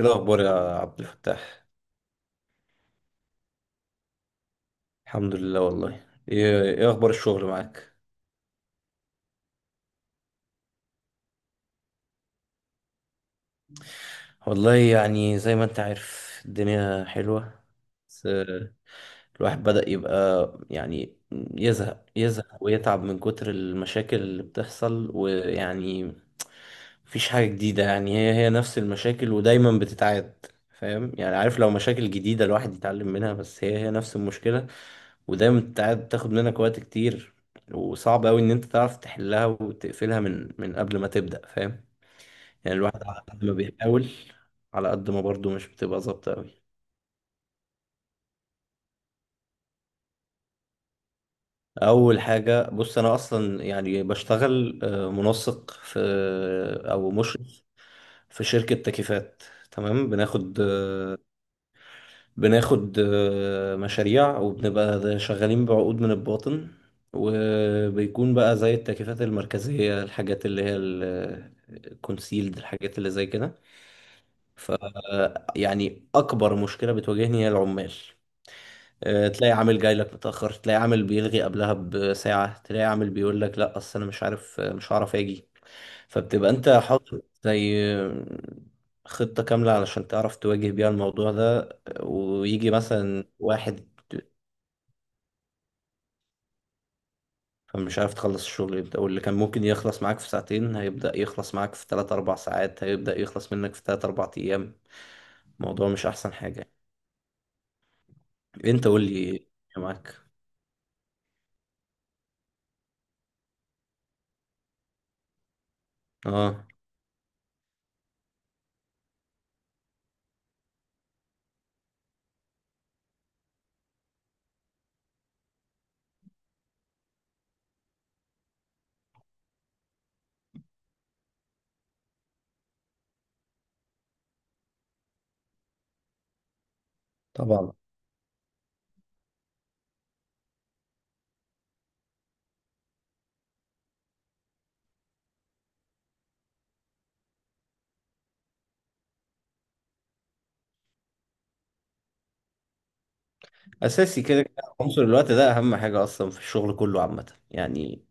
ايه الاخبار يا عبد الفتاح؟ الحمد لله. والله ايه اخبار الشغل معاك؟ والله يعني زي ما انت عارف الدنيا حلوة. بس الواحد بدأ يبقى يعني يزهق يزهق ويتعب من كتر المشاكل اللي بتحصل ويعني مفيش حاجة جديدة. يعني هي هي نفس المشاكل ودايما بتتعاد. فاهم يعني؟ عارف لو مشاكل جديدة الواحد يتعلم منها، بس هي هي نفس المشكلة ودايما بتتعاد، بتاخد منك وقت كتير. وصعب أوي إن أنت تعرف تحلها وتقفلها من قبل ما تبدأ. فاهم؟ يعني الواحد على قد ما بيحاول، على قد ما برضه مش بتبقى ظابطة أوي. اول حاجه، بص، انا اصلا يعني بشتغل منسق في، او مشرف في شركه تكييفات. تمام. بناخد بناخد مشاريع وبنبقى شغالين بعقود من الباطن. وبيكون بقى زي التكييفات المركزيه، الحاجات اللي هي الكونسيلد، الحاجات اللي زي كده. فيعني اكبر مشكله بتواجهني هي العمال. تلاقي عامل جاي لك متأخر، تلاقي عامل بيلغي قبلها بساعة، تلاقي عامل بيقول لك لا اصل انا مش عارف، مش هعرف اجي. فبتبقى انت حاطط زي خطة كاملة علشان تعرف تواجه بيها الموضوع ده. ويجي مثلا واحد فمش عارف تخلص الشغل، يبدأ واللي كان ممكن يخلص معاك في ساعتين هيبدأ يخلص معاك في 3 4 ساعات، هيبدأ يخلص منك في 3 4 ايام. الموضوع مش احسن حاجة. انت قول لي إيه معاك؟ اه، طبعا. اساسي كده كده. عنصر الوقت ده اهم حاجه اصلا في الشغل كله عامه، يعني.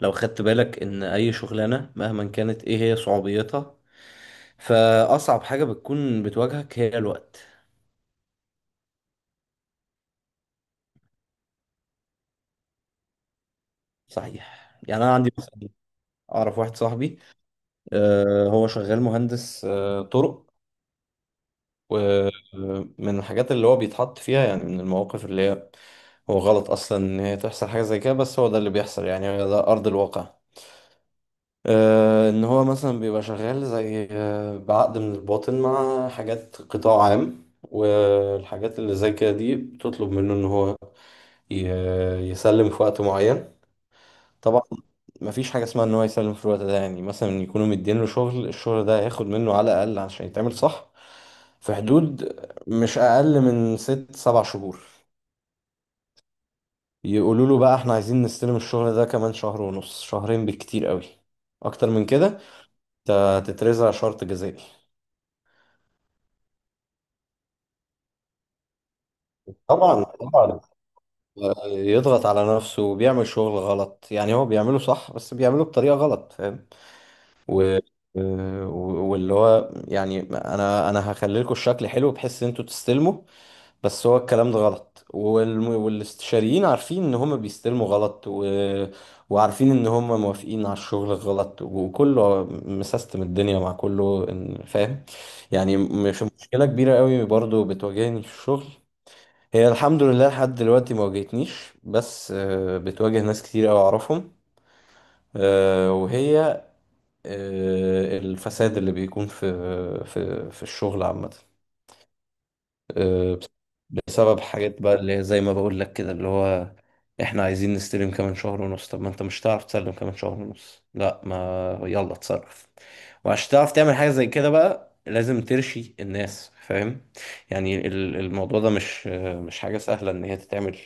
لو خدت بالك ان اي شغلانه مهما كانت ايه هي صعوبيتها، فاصعب حاجه بتكون بتواجهك هي الوقت. صحيح. يعني انا عندي مثلا اعرف واحد صاحبي، هو شغال مهندس، طرق. ومن الحاجات اللي هو بيتحط فيها، يعني من المواقف اللي هي هو غلط اصلا ان هي تحصل حاجه زي كده، بس هو ده اللي بيحصل يعني، ده ارض الواقع. ان هو مثلا بيبقى شغال زي بعقد من الباطن مع حاجات قطاع عام، والحاجات اللي زي كده دي بتطلب منه ان هو يسلم في وقت معين. طبعا. مفيش حاجة اسمها ان هو يسلم في الوقت ده. يعني مثلا يكونوا مدين له شغل، الشغل ده هياخد منه على الاقل عشان يتعمل صح، في حدود مش اقل من ست سبع شهور. يقولوا له بقى احنا عايزين نستلم الشغل ده كمان شهر ونص، شهرين بالكتير قوي. اكتر من كده انت هتترزع شرط جزائي. طبعا طبعا. يضغط على نفسه وبيعمل شغل غلط. يعني هو بيعمله صح، بس بيعمله بطريقة غلط. فاهم؟ و... واللي هو يعني انا هخلي لكم الشكل حلو بحيث ان انتوا تستلموا. بس هو الكلام ده غلط. والاستشاريين عارفين ان هم بيستلموا غلط، وعارفين ان هم موافقين على الشغل غلط، وكله مسيستم الدنيا مع كله فاهم؟ يعني مش مشكلة كبيرة قوي برضو بتواجهني في الشغل، هي الحمد لله لحد دلوقتي ما واجهتنيش، بس بتواجه ناس كتير قوي اعرفهم. وهي الفساد اللي بيكون في في الشغل عامة، بسبب حاجات بقى اللي هي زي ما بقول لك كده، اللي هو احنا عايزين نستلم كمان شهر ونص. طب ما انت مش هتعرف تسلم كمان شهر ونص، لا ما يلا اتصرف. وعشان تعرف تعمل حاجة زي كده بقى لازم ترشي الناس. فاهم؟ يعني الموضوع ده مش مش حاجة سهلة ان هي تتعمل.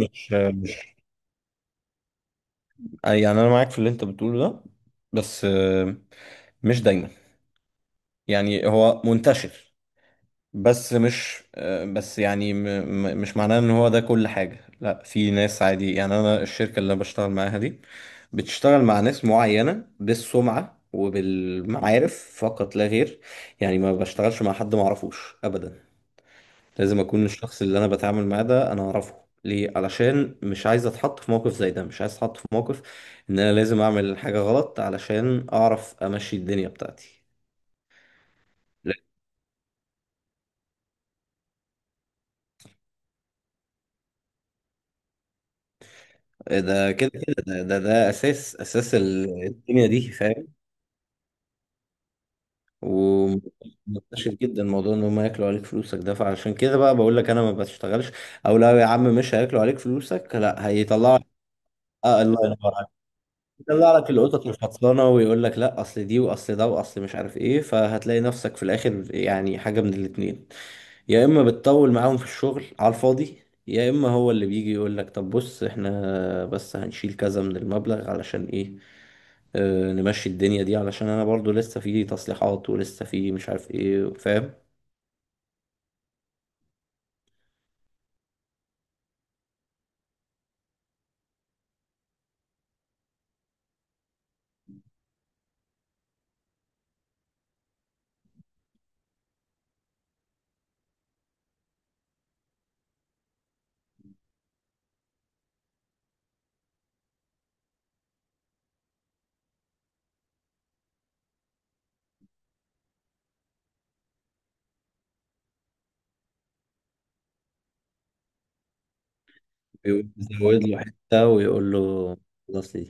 مش أي يعني انا معاك في اللي انت بتقوله ده. بس مش دايما. يعني هو منتشر، بس مش بس يعني مش معناه ان هو ده كل حاجة. لا في ناس عادي. يعني انا الشركة اللي انا بشتغل معاها دي بتشتغل مع ناس معينة، بالسمعة وبالمعارف، فقط لا غير. يعني ما بشتغلش مع حد ما اعرفوش ابدا. لازم اكون الشخص اللي انا بتعامل معاه ده انا اعرفه. ليه؟ علشان مش عايز اتحط في موقف زي ده. مش عايز اتحط في موقف ان انا لازم اعمل حاجة غلط علشان اعرف امشي الدنيا بتاعتي. لا، ده كده كده، ده ده, ده اساس اساس الدنيا دي. فاهم؟ ومنتشر جدا موضوع ان هم ياكلوا عليك فلوسك ده، فعشان كده بقى بقول لك انا ما بشتغلش. او لو يا عم مش هياكلوا عليك فلوسك، لا هيطلعوا، آه الله ينور، يطلع لك القطط مش خلصانه ويقول لك لا اصل دي، واصل ده، واصل مش عارف ايه. فهتلاقي نفسك في الاخر يعني حاجه من الاتنين: يا اما بتطول معاهم في الشغل على الفاضي، يا اما هو اللي بيجي يقول لك طب بص احنا بس هنشيل كذا من المبلغ علشان ايه، اه نمشي الدنيا دي، علشان انا برضو لسه في تصليحات ولسه في مش عارف ايه. فاهم؟ يزود له حته ويقول له خلاص دي.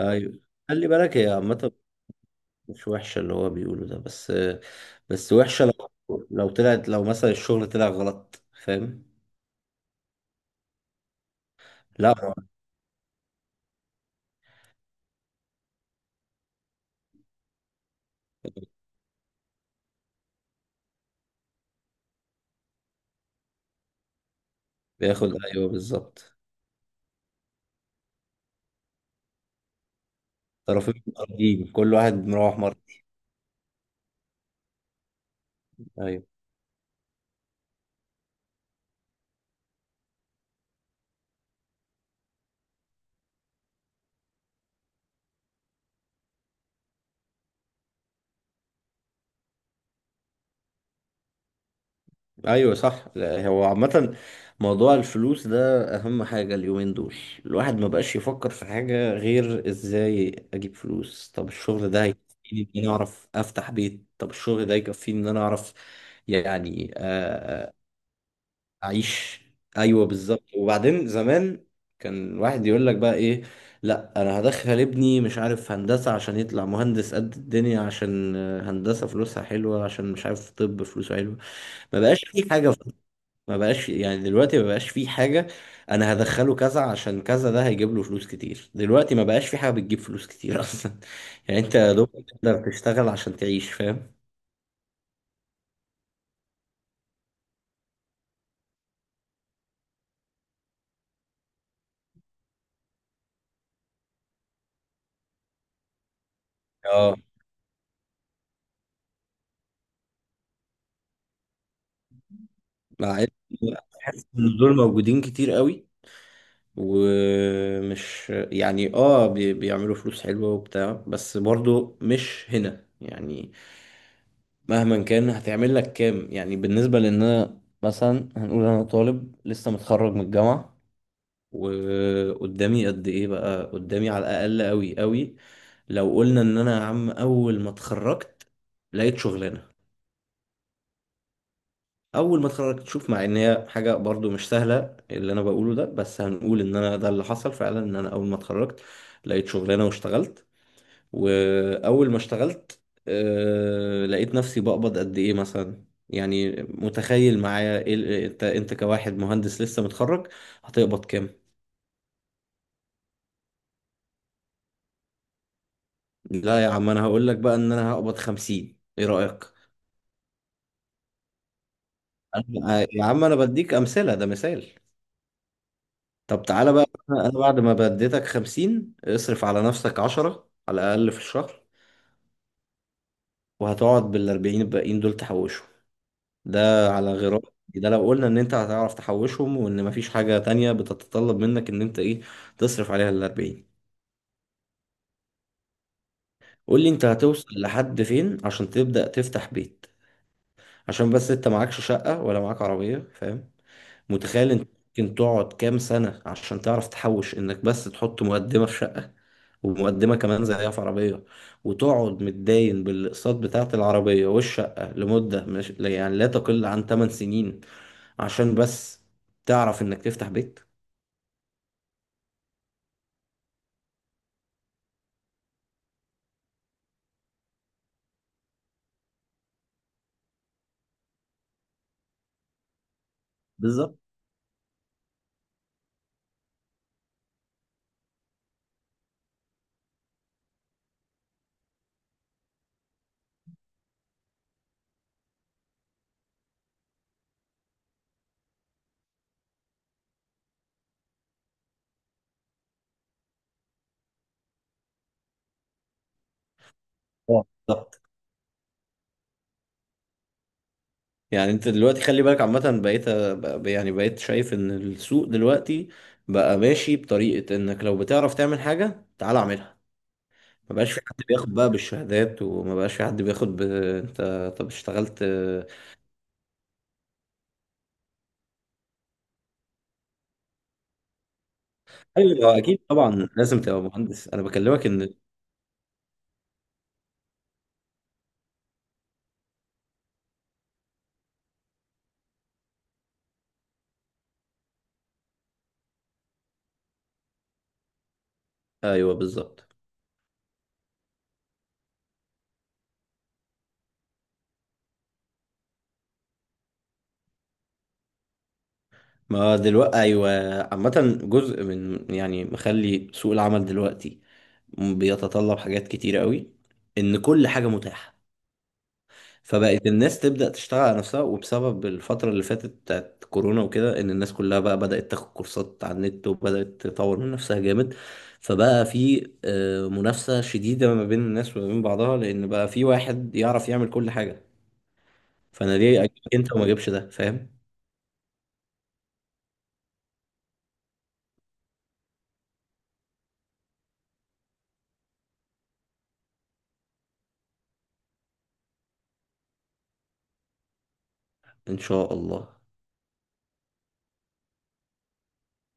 ايوه. خلي بالك هي عامه مش وحشة اللي هو بيقوله ده، بس بس وحشة لو لو طلعت، لو مثلا الشغل طلع غلط. فاهم؟ لا، هو بياخد. ايوه، بالظبط. طرفين مقابلين، كل واحد مروح مرة. ايوه. ايوه، صح. لا، هو عامة موضوع الفلوس ده اهم حاجة اليومين دول. الواحد ما بقاش يفكر في حاجة غير ازاي اجيب فلوس. طب الشغل ده هيكفيني ان انا اعرف افتح بيت؟ طب الشغل ده يكفيني ان انا اعرف، يعني، اعيش؟ ايوه بالظبط. وبعدين زمان كان الواحد يقول لك بقى ايه؟ لا انا هدخل ابني مش عارف هندسه عشان يطلع مهندس قد الدنيا، عشان هندسه فلوسها حلوه، عشان مش عارف. طب فلوسه حلوه؟ ما بقاش في حاجه. ما بقاش، يعني دلوقتي ما بقاش في حاجه انا هدخله كذا عشان كذا ده هيجيب له فلوس كتير. دلوقتي ما بقاش في حاجه بتجيب فلوس كتير اصلا. يعني انت يا دوب تقدر تشتغل عشان تعيش. فاهم؟ اه، مع ان بحس ان دول موجودين كتير قوي ومش يعني اه بيعملوا فلوس حلوة وبتاع، بس برضو مش هنا يعني، مهما كان هتعمل لك كام؟ يعني بالنسبة لان انا مثلا هنقول انا طالب لسه متخرج من الجامعة وقدامي قد ايه بقى قدامي، على الاقل قوي قوي. لو قلنا ان انا يا عم اول ما اتخرجت لقيت شغلانة، اول ما اتخرجت، شوف، مع ان هي حاجه برضو مش سهله اللي انا بقوله ده، بس هنقول ان انا ده اللي حصل فعلا، ان انا اول ما اتخرجت لقيت شغلانه واشتغلت. واول ما اشتغلت لقيت نفسي بقبض قد ايه مثلا؟ يعني متخيل معايا إيه انت انت كواحد مهندس لسه متخرج هتقبض كام؟ لا يا عم، انا هقول لك بقى ان انا هقبض 50. ايه رايك؟ أنا- يا عم انا بديك امثله، ده مثال. طب تعالى بقى، انا بعد ما بديتك 50 اصرف على نفسك 10 على الأقل في الشهر، وهتقعد بالأربعين الباقيين دول تحوشهم. ده على غرار، ده لو قلنا إن أنت هتعرف تحوشهم، وإن مفيش حاجة تانية بتتطلب منك إن أنت إيه، تصرف عليها الأربعين. قول لي أنت هتوصل لحد فين عشان تبدأ تفتح بيت؟ عشان بس أنت معكش شقة ولا معاك عربية. فاهم؟ متخيل انت ممكن تقعد كام سنة عشان تعرف تحوش انك بس تحط مقدمة في شقة ومقدمة كمان زيها في عربية، وتقعد متداين بالأقساط بتاعة العربية والشقة لمدة مش يعني لا تقل عن 8 سنين عشان بس تعرف انك تفتح بيت؟ بالظبط. اه بالظبط. يعني انت دلوقتي خلي بالك عامة بقيت يعني بقيت شايف ان السوق دلوقتي بقى ماشي بطريقة انك لو بتعرف تعمل حاجة تعال اعملها. ما بقاش في حد بياخد بقى بالشهادات، وما بقاش في حد بياخد انت، طب اشتغلت؟ ايوه اكيد طبعا لازم تبقى مهندس، انا بكلمك ان، ايوه بالظبط. ما دلوقتي ايوه، عامة جزء من، يعني، مخلي سوق العمل دلوقتي بيتطلب حاجات كتيرة قوي ان كل حاجة متاحة. فبقت الناس تبدأ تشتغل على نفسها، وبسبب الفترة اللي فاتت بتاعت كورونا وكده، إن الناس كلها بقى بدأت تاخد كورسات على النت وبدأت تطور من نفسها جامد. فبقى في منافسة شديدة ما بين الناس وما بين بعضها، لأن بقى في واحد يعرف يعمل كل حاجة. فأنا ليه أجيبك أنت وما أجيبش ده؟ فاهم؟ إن شاء الله.